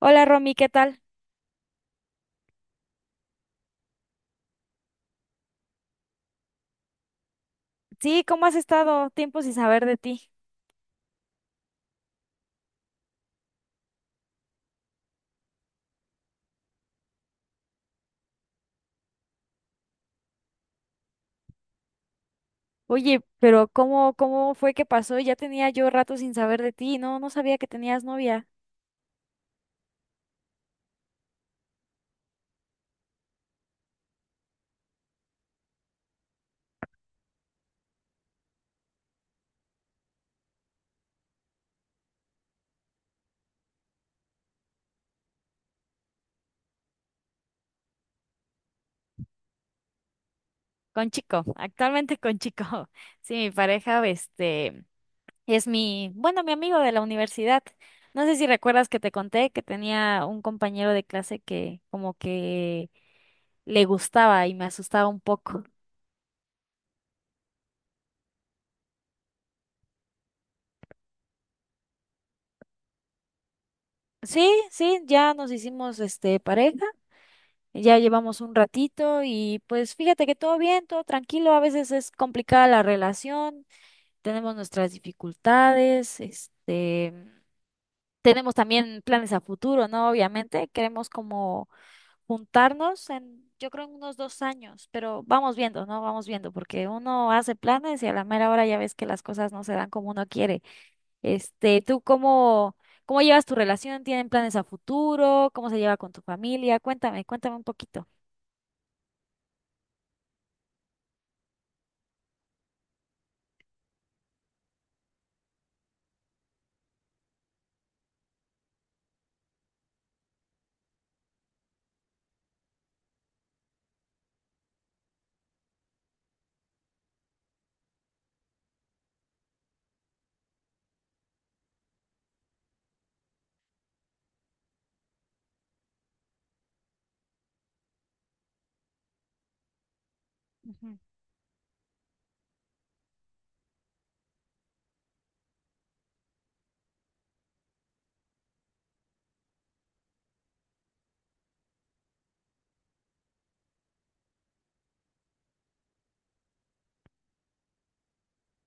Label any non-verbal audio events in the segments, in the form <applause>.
Hola Romy, ¿qué tal? Sí, ¿cómo has estado? Tiempo sin saber de ti. Oye, pero ¿cómo fue que pasó? Ya tenía yo rato sin saber de ti. No, no sabía que tenías novia. Con chico, <laughs> actualmente con chico. <laughs> Sí, mi pareja, es mi, bueno, mi amigo de la universidad. No sé si recuerdas que te conté que tenía un compañero de clase que como que le gustaba y me asustaba un poco. Sí, sí, ya nos hicimos pareja. Ya llevamos un ratito y pues fíjate que todo bien, todo tranquilo. A veces es complicada la relación, tenemos nuestras dificultades, tenemos también planes a futuro, ¿no? Obviamente queremos como juntarnos en, yo creo, en unos 2 años, pero vamos viendo, ¿no? Vamos viendo, porque uno hace planes y a la mera hora ya ves que las cosas no se dan como uno quiere. ¿Tú cómo llevas tu relación? ¿Tienen planes a futuro? ¿Cómo se lleva con tu familia? Cuéntame, cuéntame un poquito.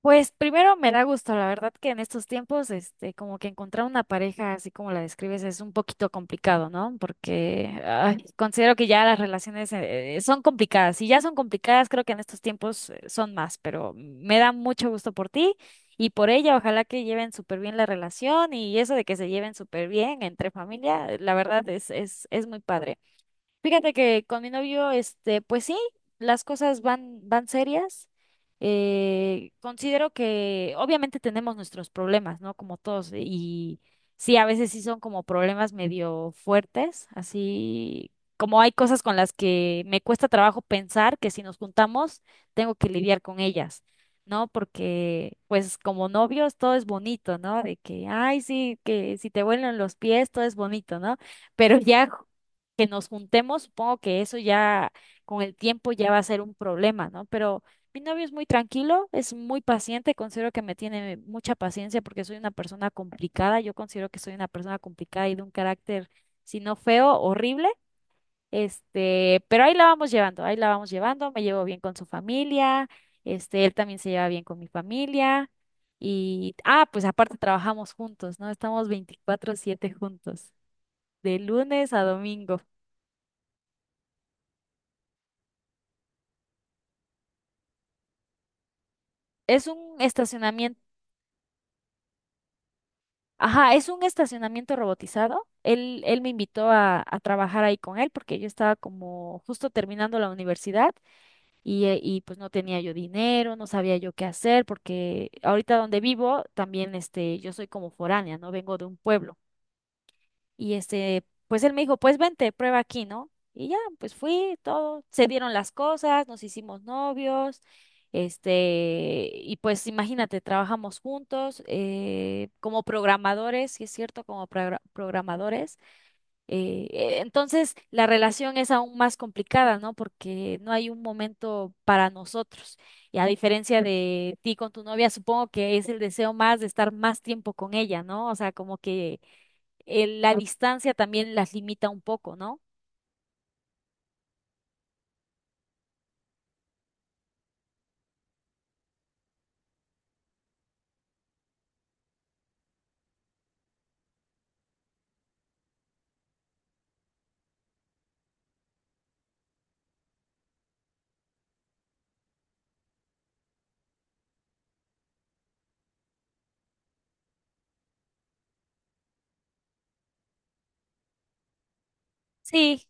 Pues primero me da gusto, la verdad que en estos tiempos, como que encontrar una pareja así como la describes es un poquito complicado, ¿no? Porque ay, considero que ya las relaciones son complicadas. Si ya son complicadas, creo que en estos tiempos son más, pero me da mucho gusto por ti y por ella. Ojalá que lleven súper bien la relación y eso de que se lleven súper bien entre familia, la verdad es muy padre. Fíjate que con mi novio, pues sí, las cosas van serias. Considero que obviamente tenemos nuestros problemas, ¿no? Como todos, y sí, a veces sí son como problemas medio fuertes, así como hay cosas con las que me cuesta trabajo pensar que si nos juntamos tengo que lidiar con ellas, ¿no? Porque pues como novios todo es bonito, ¿no? De que, ay, sí, que si te vuelan los pies todo es bonito, ¿no? Pero ya que nos juntemos, supongo que eso ya con el tiempo ya va a ser un problema, ¿no? Pero mi novio es muy tranquilo, es muy paciente, considero que me tiene mucha paciencia porque soy una persona complicada, yo considero que soy una persona complicada y de un carácter, si no feo, horrible, pero ahí la vamos llevando, ahí la vamos llevando, me llevo bien con su familia, él también se lleva bien con mi familia. Y, ah, pues aparte trabajamos juntos, ¿no? Estamos 24/7 juntos, de lunes a domingo. Es un estacionamiento, ajá, es un estacionamiento robotizado. Él me invitó a trabajar ahí con él porque yo estaba como justo terminando la universidad y pues no tenía yo dinero, no sabía yo qué hacer porque ahorita donde vivo también yo soy como foránea, no vengo de un pueblo. Y pues él me dijo, pues vente, prueba aquí, ¿no? Y ya, pues fui, todo, se dieron las cosas, nos hicimos novios, y pues imagínate, trabajamos juntos como programadores, sí es cierto, como programadores. Entonces, la relación es aún más complicada, ¿no? Porque no hay un momento para nosotros. Y a diferencia de ti con tu novia, supongo que es el deseo más de estar más tiempo con ella, ¿no? O sea, como que la distancia también las limita un poco, ¿no? Sí,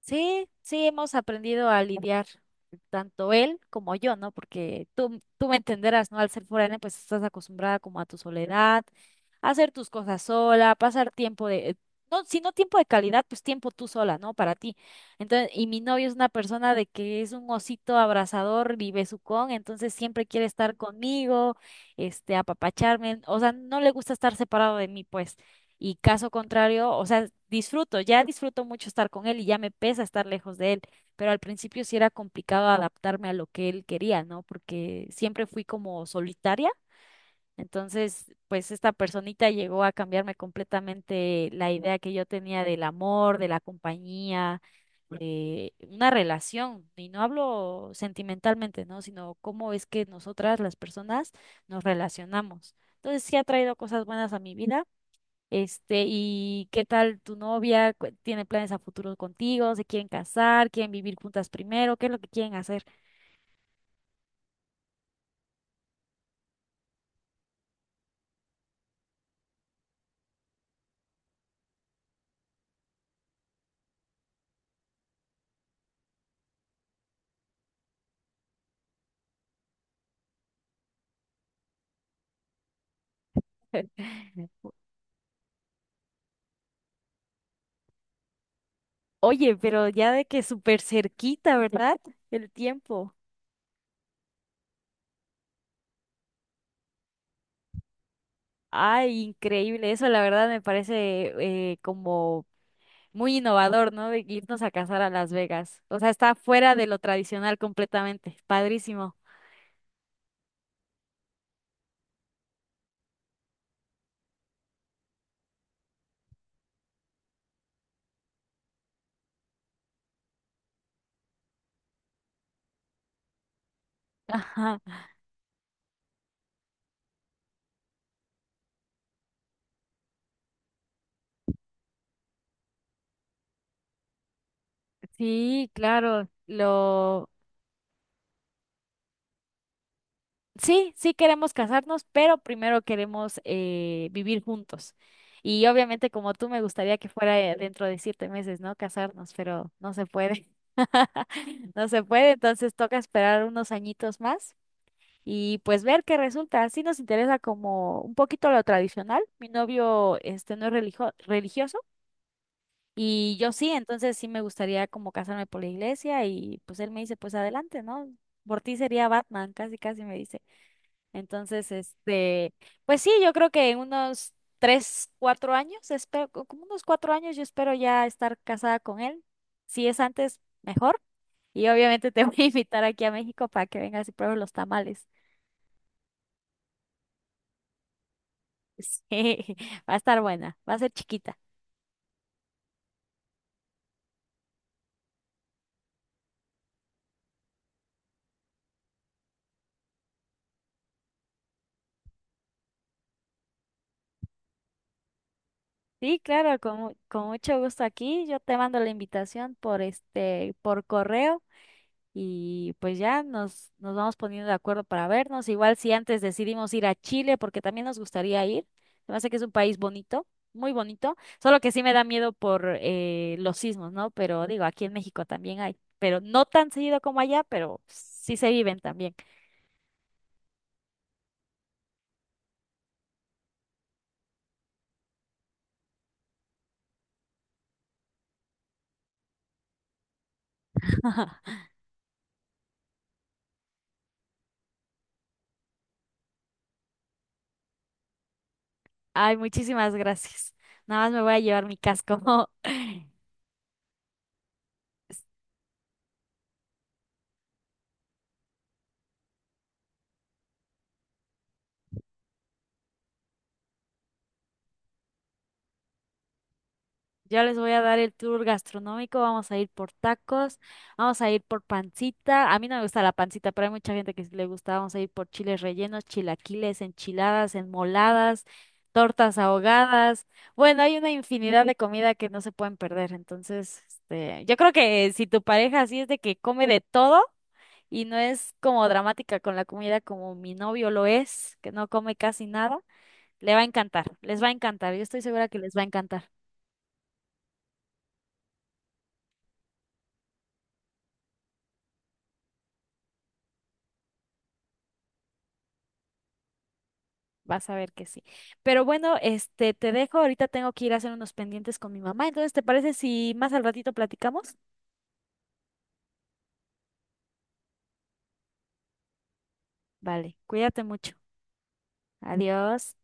sí, sí, hemos aprendido a lidiar, tanto él como yo, ¿no? Porque tú me entenderás, ¿no? Al ser foránea, pues estás acostumbrada como a tu soledad, a hacer tus cosas sola, pasar tiempo de, no, si no tiempo de calidad, pues tiempo tú sola, ¿no? Para ti. Entonces, y mi novio es una persona de que es un osito abrazador y besucón, entonces siempre quiere estar conmigo, apapacharme, o sea, no le gusta estar separado de mí, pues. Y caso contrario, o sea, disfruto, ya disfruto mucho estar con él y ya me pesa estar lejos de él, pero al principio sí era complicado adaptarme a lo que él quería, ¿no? Porque siempre fui como solitaria, entonces pues esta personita llegó a cambiarme completamente la idea que yo tenía del amor, de la compañía, de una relación, y no hablo sentimentalmente, ¿no? Sino cómo es que nosotras las personas nos relacionamos. Entonces sí ha traído cosas buenas a mi vida, ¿y qué tal tu novia? ¿Tiene planes a futuro contigo? ¿Se quieren casar? ¿Quieren vivir juntas primero? ¿Qué es lo que quieren hacer? <laughs> Oye, pero ya de que súper cerquita, ¿verdad? El tiempo. Ay, increíble. Eso la verdad me parece, como muy innovador, ¿no? De irnos a casar a Las Vegas. O sea, está fuera de lo tradicional completamente. Padrísimo. <laughs> Ajá. Sí, claro. Lo sí, sí queremos casarnos, pero primero queremos vivir juntos. Y obviamente como tú me gustaría que fuera, dentro de 7 meses, ¿no? Casarnos, pero no se puede. <laughs> No se puede, entonces toca esperar unos añitos más y pues ver qué resulta. Sí nos interesa como un poquito lo tradicional. Mi novio no es religioso y yo sí, entonces sí me gustaría como casarme por la iglesia y pues él me dice, pues adelante, ¿no? Por ti sería Batman, casi casi me dice. Entonces, pues sí, yo creo que en unos 3, 4 años, espero, como unos 4 años, yo espero ya estar casada con él. Si es antes, mejor. Y obviamente <laughs> te voy a invitar aquí a México para que vengas y pruebes los tamales. <laughs> Sí, va a estar buena, va a ser chiquita. Sí, claro, con mucho gusto aquí. Yo te mando la invitación por por correo. Y pues ya nos vamos poniendo de acuerdo para vernos. Igual si antes decidimos ir a Chile, porque también nos gustaría ir. Se me hace que es un país bonito, muy bonito. Solo que sí me da miedo por, los sismos, ¿no? Pero digo, aquí en México también hay. Pero no tan seguido como allá, pero sí se viven también. <laughs> Ay, muchísimas gracias. Nada más me voy a llevar mi casco. <laughs> Yo les voy a dar el tour gastronómico. Vamos a ir por tacos, vamos a ir por pancita. A mí no me gusta la pancita, pero hay mucha gente que sí le gusta. Vamos a ir por chiles rellenos, chilaquiles, enchiladas, enmoladas, tortas ahogadas. Bueno, hay una infinidad de comida que no se pueden perder. Entonces, yo creo que si tu pareja así es de que come de todo y no es como dramática con la comida como mi novio lo es, que no come casi nada, le va a encantar, les va a encantar. Yo estoy segura que les va a encantar. Vas a ver que sí. Pero bueno, te dejo. Ahorita tengo que ir a hacer unos pendientes con mi mamá. Entonces, ¿te parece si más al ratito platicamos? Vale, cuídate mucho. Adiós.